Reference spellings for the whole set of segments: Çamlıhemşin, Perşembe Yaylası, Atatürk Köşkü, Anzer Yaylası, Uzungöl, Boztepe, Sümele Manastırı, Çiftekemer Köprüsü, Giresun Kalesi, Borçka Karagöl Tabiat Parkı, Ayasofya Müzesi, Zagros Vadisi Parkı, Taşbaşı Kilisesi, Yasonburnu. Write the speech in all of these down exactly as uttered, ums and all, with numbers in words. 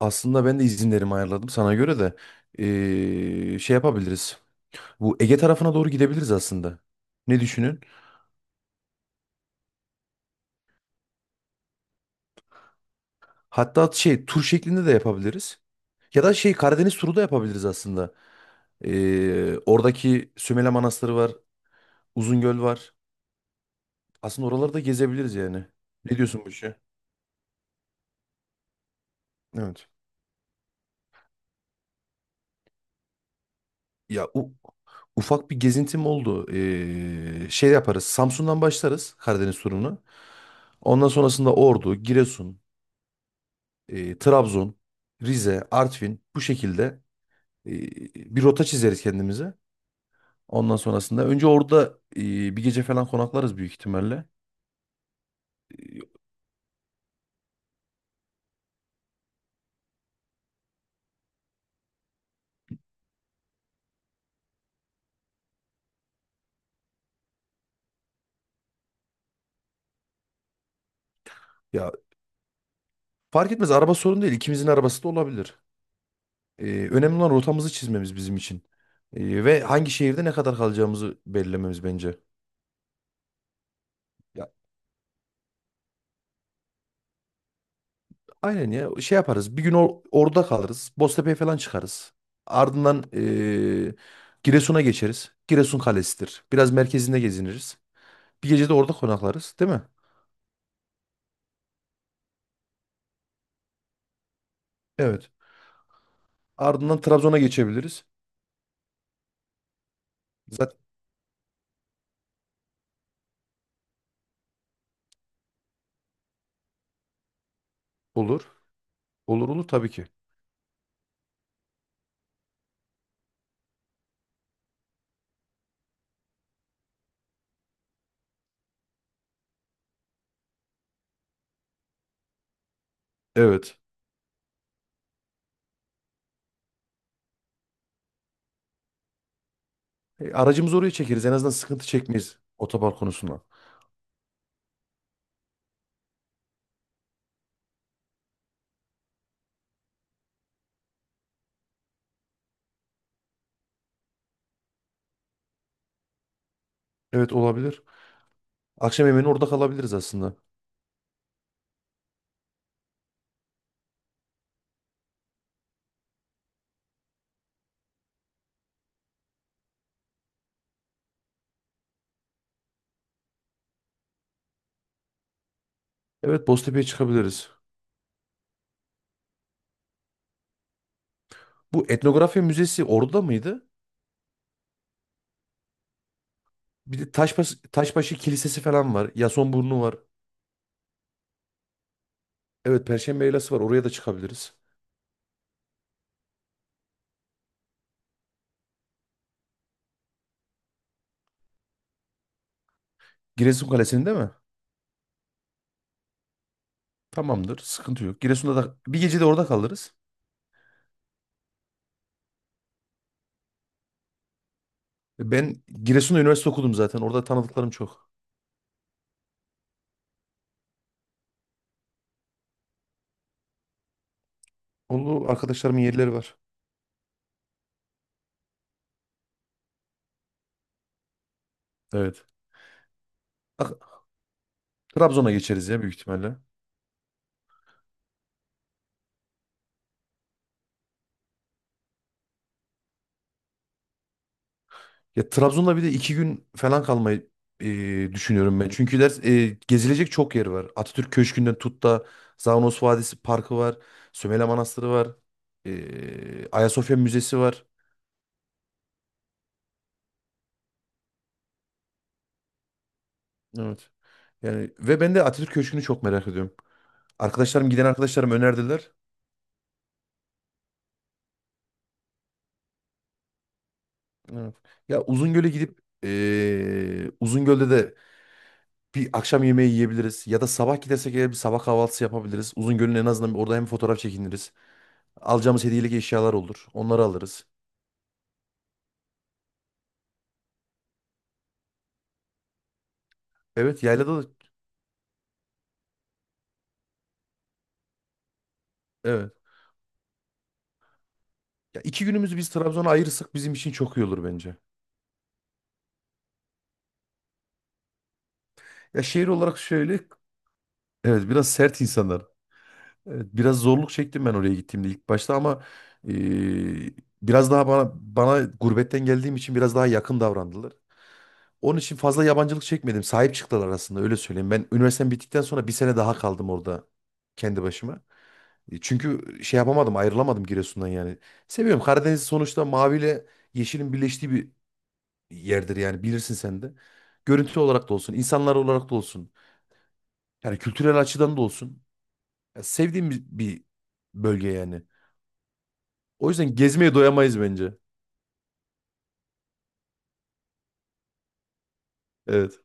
Aslında ben de izinlerimi ayarladım sana göre de eee, şey yapabiliriz. Bu Ege tarafına doğru gidebiliriz aslında. Ne düşünün? Hatta şey tur şeklinde de yapabiliriz. Ya da şey Karadeniz turu da yapabiliriz aslında. Eee, oradaki Sümele Manastırı var, Uzungöl var. Aslında oraları da gezebiliriz yani. Ne diyorsun bu işe? Evet. Ya u- Ufak bir gezintim oldu. Eee, şey yaparız. Samsun'dan başlarız Karadeniz turunu. Ondan sonrasında Ordu, Giresun. e, Trabzon, Rize, Artvin bu şekilde e, bir rota çizeriz kendimize. Ondan sonrasında önce orada e, bir gece falan konaklarız büyük ihtimalle. E, ya fark etmez araba sorun değil. İkimizin arabası da olabilir. E, Önemli olan rotamızı çizmemiz bizim için. E, ve hangi şehirde ne kadar kalacağımızı belirlememiz bence. Ya, aynen ya şey yaparız. Bir gün or- orada kalırız. Boztepe'ye falan çıkarız. Ardından e, Giresun'a geçeriz. Giresun Kalesi'dir. Biraz merkezinde geziniriz. Bir gece de orada konaklarız, değil mi? Evet. Ardından Trabzon'a geçebiliriz. Zaten olur. Olur olur tabii ki. Evet. E, aracımızı oraya çekeriz. En azından sıkıntı çekmeyiz otopark konusunda. Evet olabilir. Akşam yemeğini orada kalabiliriz aslında. Evet, Boztepe'ye çıkabiliriz. Bu etnografya müzesi orada mıydı? Bir de Taşbaşı, Taşbaşı Kilisesi falan var. Yasonburnu var. Evet, Perşembe Yaylası var. Oraya da çıkabiliriz. Giresun Kalesi'nde mi? Tamamdır. Sıkıntı yok. Giresun'da da bir gece de orada kalırız. Ben Giresun'da üniversite okudum zaten. Orada tanıdıklarım çok. Onu arkadaşlarımın yerleri var. Evet. Bak, Trabzon'a geçeriz ya büyük ihtimalle. Ya Trabzon'da bir de iki gün falan kalmayı e, düşünüyorum ben. Çünkü ders e, gezilecek çok yer var. Atatürk Köşkü'nden tut da Zagros Vadisi Parkı var. Sümele Manastırı var. E, Ayasofya Müzesi var. Evet. Yani ve ben de Atatürk Köşkü'nü çok merak ediyorum. Arkadaşlarım giden arkadaşlarım önerdiler. Evet. Ya Uzungöl'e gidip e, Uzungöl'de de bir akşam yemeği yiyebiliriz ya da sabah gidersek eğer bir sabah kahvaltısı yapabiliriz. Uzungöl'ün en azından orada hem fotoğraf çekiniriz. Alacağımız hediyelik eşyalar olur. Onları alırız. Evet, yaylada da evet. Ya iki günümüzü biz Trabzon'a ayırırsak bizim için çok iyi olur bence. Ya şehir olarak şöyle, evet biraz sert insanlar. Evet, biraz zorluk çektim ben oraya gittiğimde ilk başta ama eee, biraz daha bana bana gurbetten geldiğim için biraz daha yakın davrandılar. Onun için fazla yabancılık çekmedim. Sahip çıktılar aslında öyle söyleyeyim. Ben üniversitem bittikten sonra bir sene daha kaldım orada kendi başıma. E, çünkü şey yapamadım, ayrılamadım Giresun'dan yani. Seviyorum. Karadeniz sonuçta maviyle yeşilin birleştiği bir yerdir yani bilirsin sen de. Görüntü olarak da olsun, insanlar olarak da olsun. Yani kültürel açıdan da olsun. Ya sevdiğim bir, bir bölge yani. O yüzden gezmeye doyamayız bence. Evet.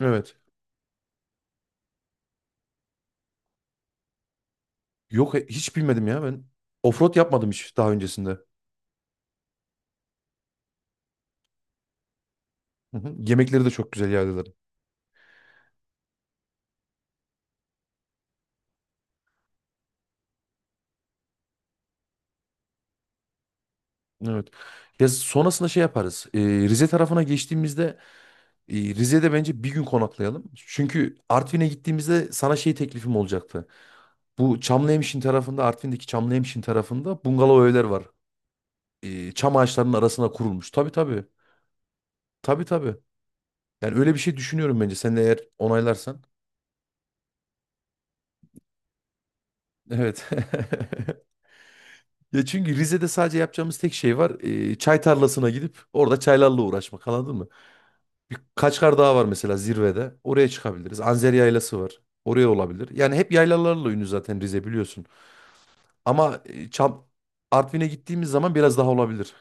Evet. Yok, hiç bilmedim ya ben. Offroad yapmadım hiç daha öncesinde. Hı hı. Yemekleri de çok güzel yerdeler. Evet. Ya sonrasında şey yaparız. Ee, Rize tarafına geçtiğimizde e, Rize'de bence bir gün konaklayalım. Çünkü Artvin'e gittiğimizde sana şey teklifim olacaktı. Bu Çamlıhemşin tarafında, Artvin'deki Çamlıhemşin tarafında bungalov evler var. Ee, çam ağaçlarının arasına kurulmuş. Tabii tabii. Tabii tabii. Yani öyle bir şey düşünüyorum bence. Sen de eğer onaylarsan. Evet. Ya çünkü Rize'de sadece yapacağımız tek şey var. Ee, çay tarlasına gidip orada çaylarla uğraşmak. Anladın mı? Birkaç kar daha var mesela zirvede. Oraya çıkabiliriz. Anzer Yaylası var. Oraya olabilir. Yani hep yaylalarla ünlü zaten Rize biliyorsun. Ama e, Çam Artvin'e gittiğimiz zaman biraz daha olabilir.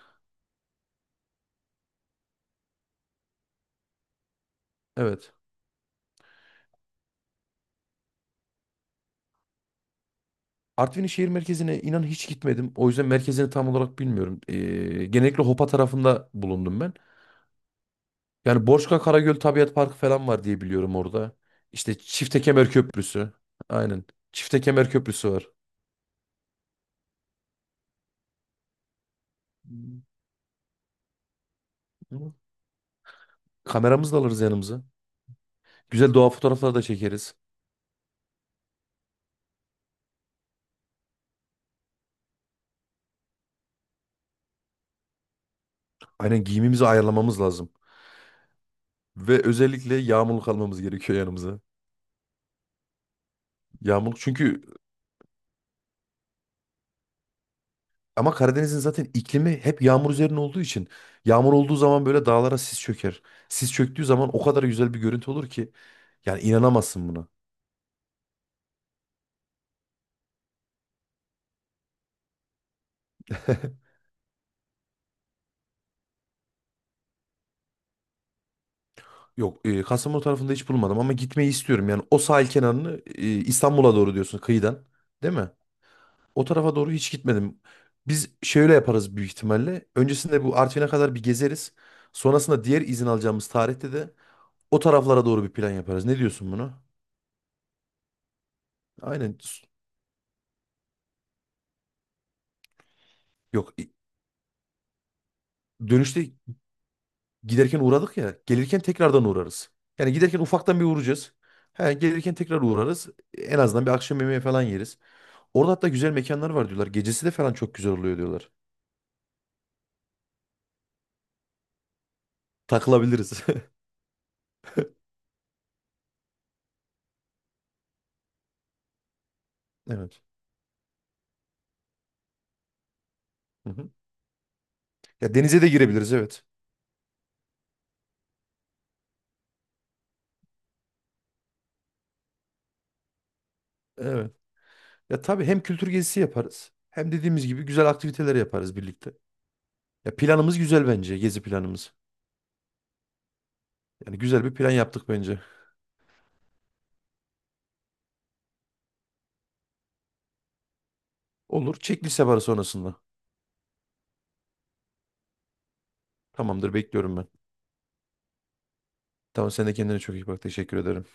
Evet. Artvin'in şehir merkezine inan hiç gitmedim. O yüzden merkezini tam olarak bilmiyorum. E, genellikle Hopa tarafında bulundum ben. Yani Borçka Karagöl Tabiat Parkı falan var diye biliyorum orada. İşte Çiftekemer Köprüsü. Aynen. Çiftekemer Köprüsü var. Hı. Kameramızı da alırız yanımıza. Güzel doğa fotoğrafları da çekeriz. Aynen giyimimizi ayarlamamız lazım. Ve özellikle yağmurluk almamız gerekiyor yanımıza. Yağmurluk çünkü ama Karadeniz'in zaten iklimi hep yağmur üzerine olduğu için yağmur olduğu zaman böyle dağlara sis çöker. Sis çöktüğü zaman o kadar güzel bir görüntü olur ki yani inanamazsın buna. Yok, e, Kastamonu tarafında hiç bulmadım ama gitmeyi istiyorum. Yani o sahil kenarını e, İstanbul'a doğru diyorsun kıyıdan, değil mi? O tarafa doğru hiç gitmedim. Biz şöyle yaparız büyük ihtimalle. Öncesinde bu Artvin'e kadar bir gezeriz. Sonrasında diğer izin alacağımız tarihte de o taraflara doğru bir plan yaparız. Ne diyorsun buna? Aynen. Yok. i- Dönüşte giderken uğradık ya. Gelirken tekrardan uğrarız. Yani giderken ufaktan bir uğrayacağız. He, gelirken tekrar uğrarız. En azından bir akşam yemeği falan yeriz. Orada hatta güzel mekanlar var diyorlar. Gecesi de falan çok güzel oluyor diyorlar. Takılabiliriz. Evet. Hı hı. Ya denize de girebiliriz, evet. Evet. Ya tabii hem kültür gezisi yaparız. Hem dediğimiz gibi güzel aktiviteler yaparız birlikte. Ya planımız güzel bence. Gezi planımız. Yani güzel bir plan yaptık bence. Olur. Çek liste sonrasında. Tamamdır, bekliyorum ben. Tamam, sen de kendine çok iyi bak. Teşekkür ederim.